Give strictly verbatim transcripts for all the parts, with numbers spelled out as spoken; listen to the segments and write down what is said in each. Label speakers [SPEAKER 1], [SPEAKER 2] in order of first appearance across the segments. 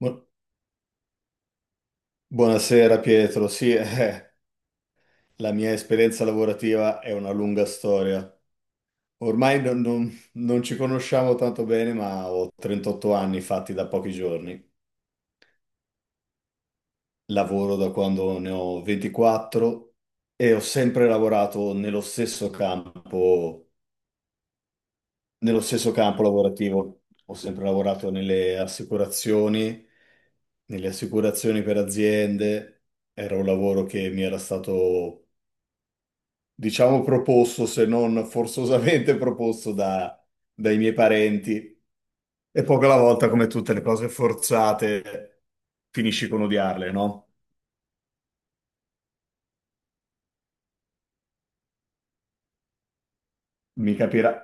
[SPEAKER 1] Bu- Buonasera Pietro, sì, eh, la mia esperienza lavorativa è una lunga storia. Ormai non, non- non ci conosciamo tanto bene, ma ho trentotto anni fatti da pochi giorni. Lavoro da quando ne ho ventiquattro e ho sempre lavorato nello stesso campo, nello stesso campo lavorativo. Ho sempre lavorato nelle assicurazioni, nelle assicurazioni per aziende. Era un lavoro che mi era stato diciamo proposto, se non forzosamente proposto da- dai miei parenti. E poco alla volta, come tutte le cose forzate, finisci con odiarle, no? Mi capirà.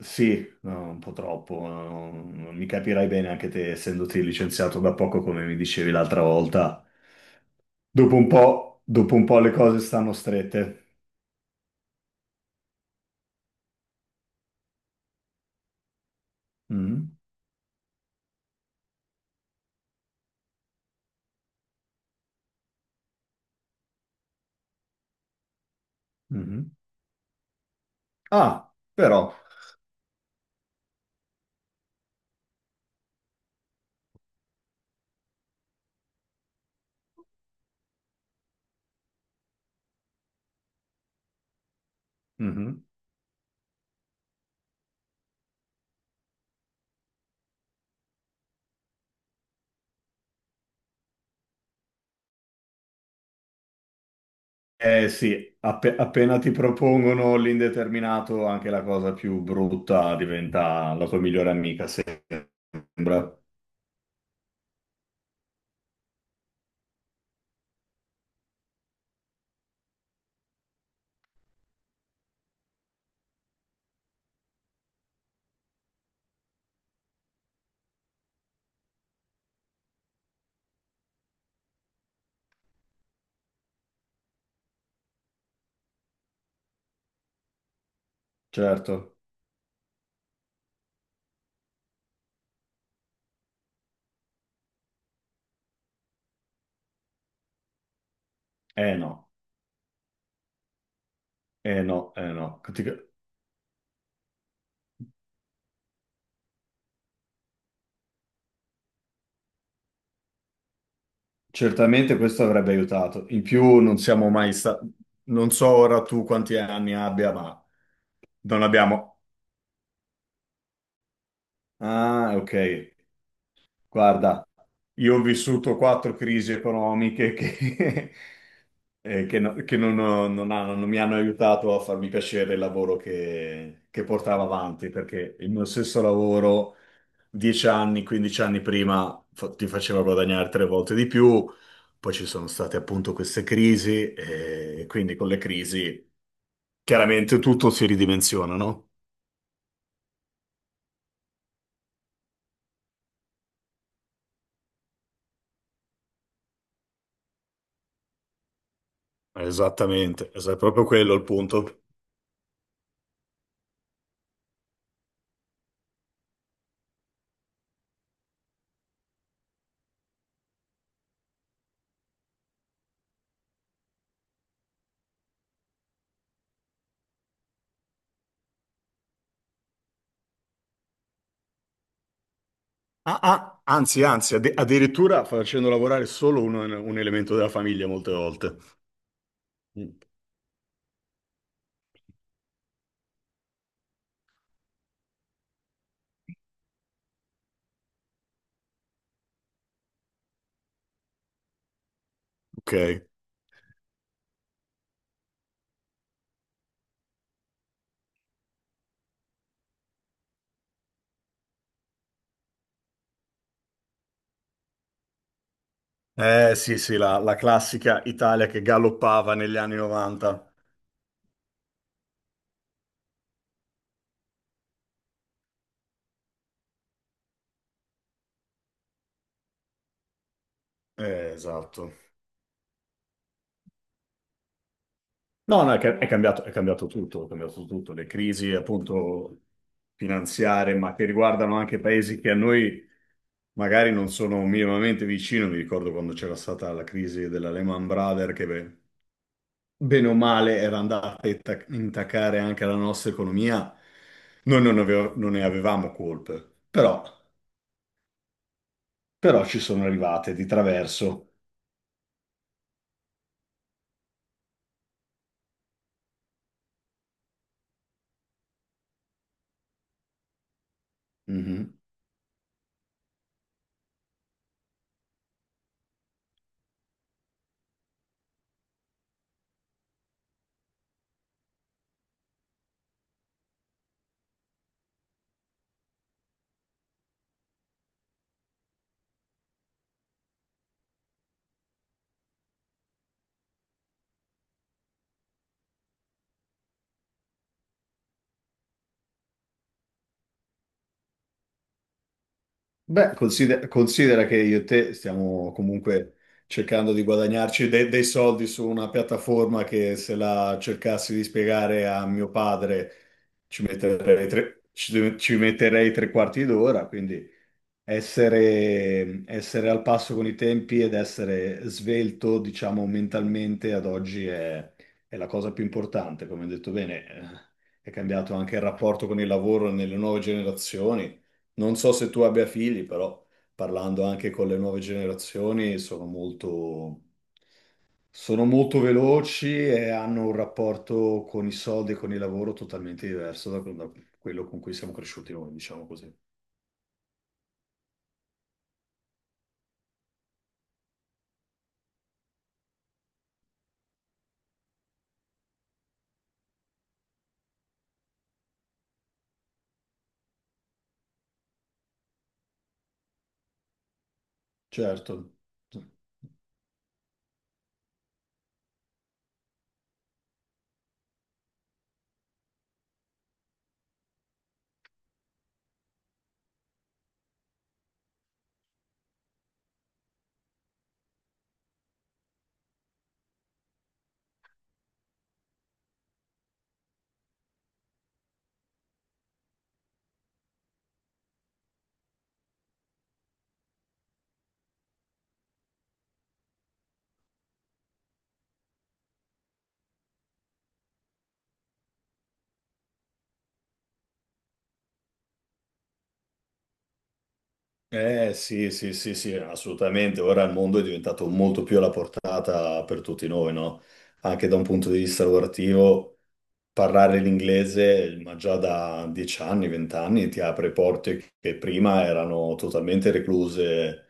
[SPEAKER 1] Sì, no, un po' troppo. No, non mi capirai bene anche te, essendoti licenziato da poco, come mi dicevi l'altra volta. Dopo un po', dopo un po' le cose stanno strette. Mhm, mhm. Ah, però. Mhm. Eh sì, appe- appena ti propongono l'indeterminato, anche la cosa più brutta diventa la tua migliore amica, sembra. Certo. Eh no, eh no, eh no. Ti- Certamente questo avrebbe aiutato. In più non siamo mai stati. Non so ora tu quanti anni abbia, ma non abbiamo. Ah, ok. Guarda, io ho vissuto quattro crisi economiche che, eh, che no- che non, ho- non hanno- non mi hanno aiutato a farmi piacere il lavoro che, che portavo avanti, perché il mio stesso lavoro, dieci anni, quindici anni prima, fa- ti faceva guadagnare tre volte di più, poi ci sono state appunto queste crisi, e quindi con le crisi chiaramente tutto si ridimensiona, no? Esattamente, es- è proprio quello il punto. Ah, ah, anzi, anzi, adde- addirittura facendo lavorare solo un, un elemento della famiglia molte volte. Mm, ok. Eh sì, sì, la, la classica Italia che galoppava negli anni novanta. Eh, esatto. No, no, è, ca- è cambiato, è cambiato tutto, è cambiato tutto. Le crisi, appunto, finanziarie, ma che riguardano anche paesi che a noi magari non sono minimamente vicino. Mi ricordo quando c'era stata la crisi della Lehman Brothers, che beh, bene o male era andata a intac- intaccare anche la nostra economia, noi non, aveva- non ne avevamo colpe, però, però ci sono arrivate di traverso. Mhm. Beh, consider- considera, che io e te stiamo comunque cercando di guadagnarci de- dei soldi su una piattaforma che se la cercassi di spiegare a mio padre ci metterei tre, ci- ci metterei tre quarti d'ora, quindi essere, essere al passo con i tempi ed essere svelto, diciamo, mentalmente ad oggi è, è la cosa più importante, come hai detto bene. eh, È cambiato anche il rapporto con il lavoro nelle nuove generazioni. Non so se tu abbia figli, però parlando anche con le nuove generazioni sono molto, sono molto veloci e hanno un rapporto con i soldi e con il lavoro totalmente diverso da, da quello con cui siamo cresciuti noi, diciamo così. Certo. Eh sì, sì, sì, sì, assolutamente. Ora il mondo è diventato molto più alla portata per tutti noi, no? Anche da un punto di vista lavorativo. Parlare l'inglese, ma già da dieci anni, venti anni, ti apre porte che prima erano totalmente recluse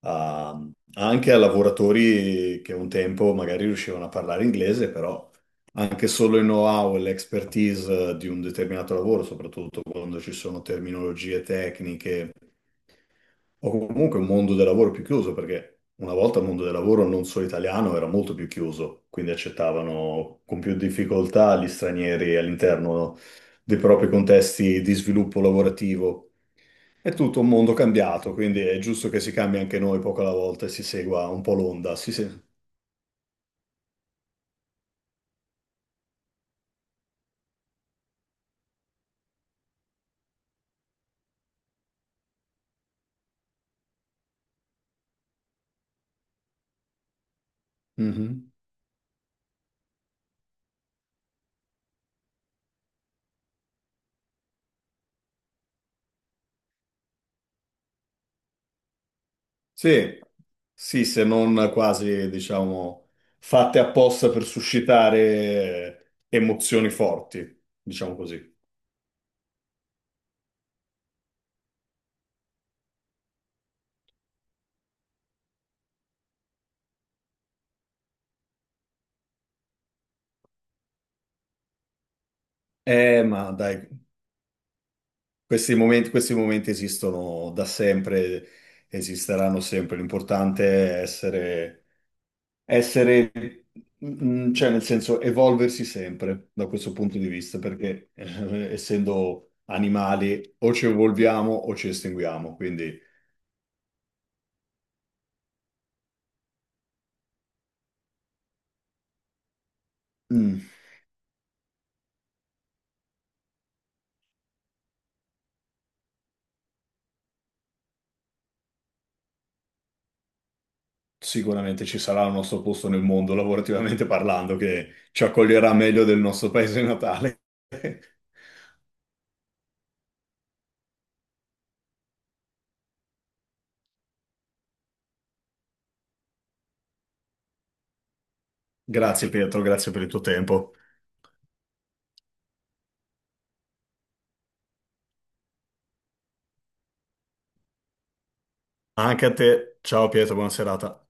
[SPEAKER 1] a- anche a lavoratori che un tempo magari riuscivano a parlare inglese, però anche solo il know-how e l'expertise di un determinato lavoro, soprattutto quando ci sono terminologie tecniche o comunque un mondo del lavoro più chiuso, perché una volta il mondo del lavoro non solo italiano era molto più chiuso, quindi accettavano con più difficoltà gli stranieri all'interno dei propri contesti di sviluppo lavorativo. È tutto un mondo cambiato, quindi è giusto che si cambi anche noi poco alla volta e si segua un po' l'onda. Sì, sì. Mhm. Sì, sì, se non quasi, diciamo, fatte apposta per suscitare eh, emozioni forti, diciamo così. Eh, ma dai. Questi momenti, questi momenti esistono da sempre, esisteranno sempre. L'importante è essere, essere, mm, cioè nel senso, evolversi sempre da questo punto di vista, perché eh, essendo animali o ci evolviamo o ci estinguiamo. Quindi mm, sicuramente ci sarà il nostro posto nel mondo, lavorativamente parlando, che ci accoglierà meglio del nostro paese natale. Grazie Pietro, grazie per il tuo tempo. Anche a te. Ciao Pietro, buona serata.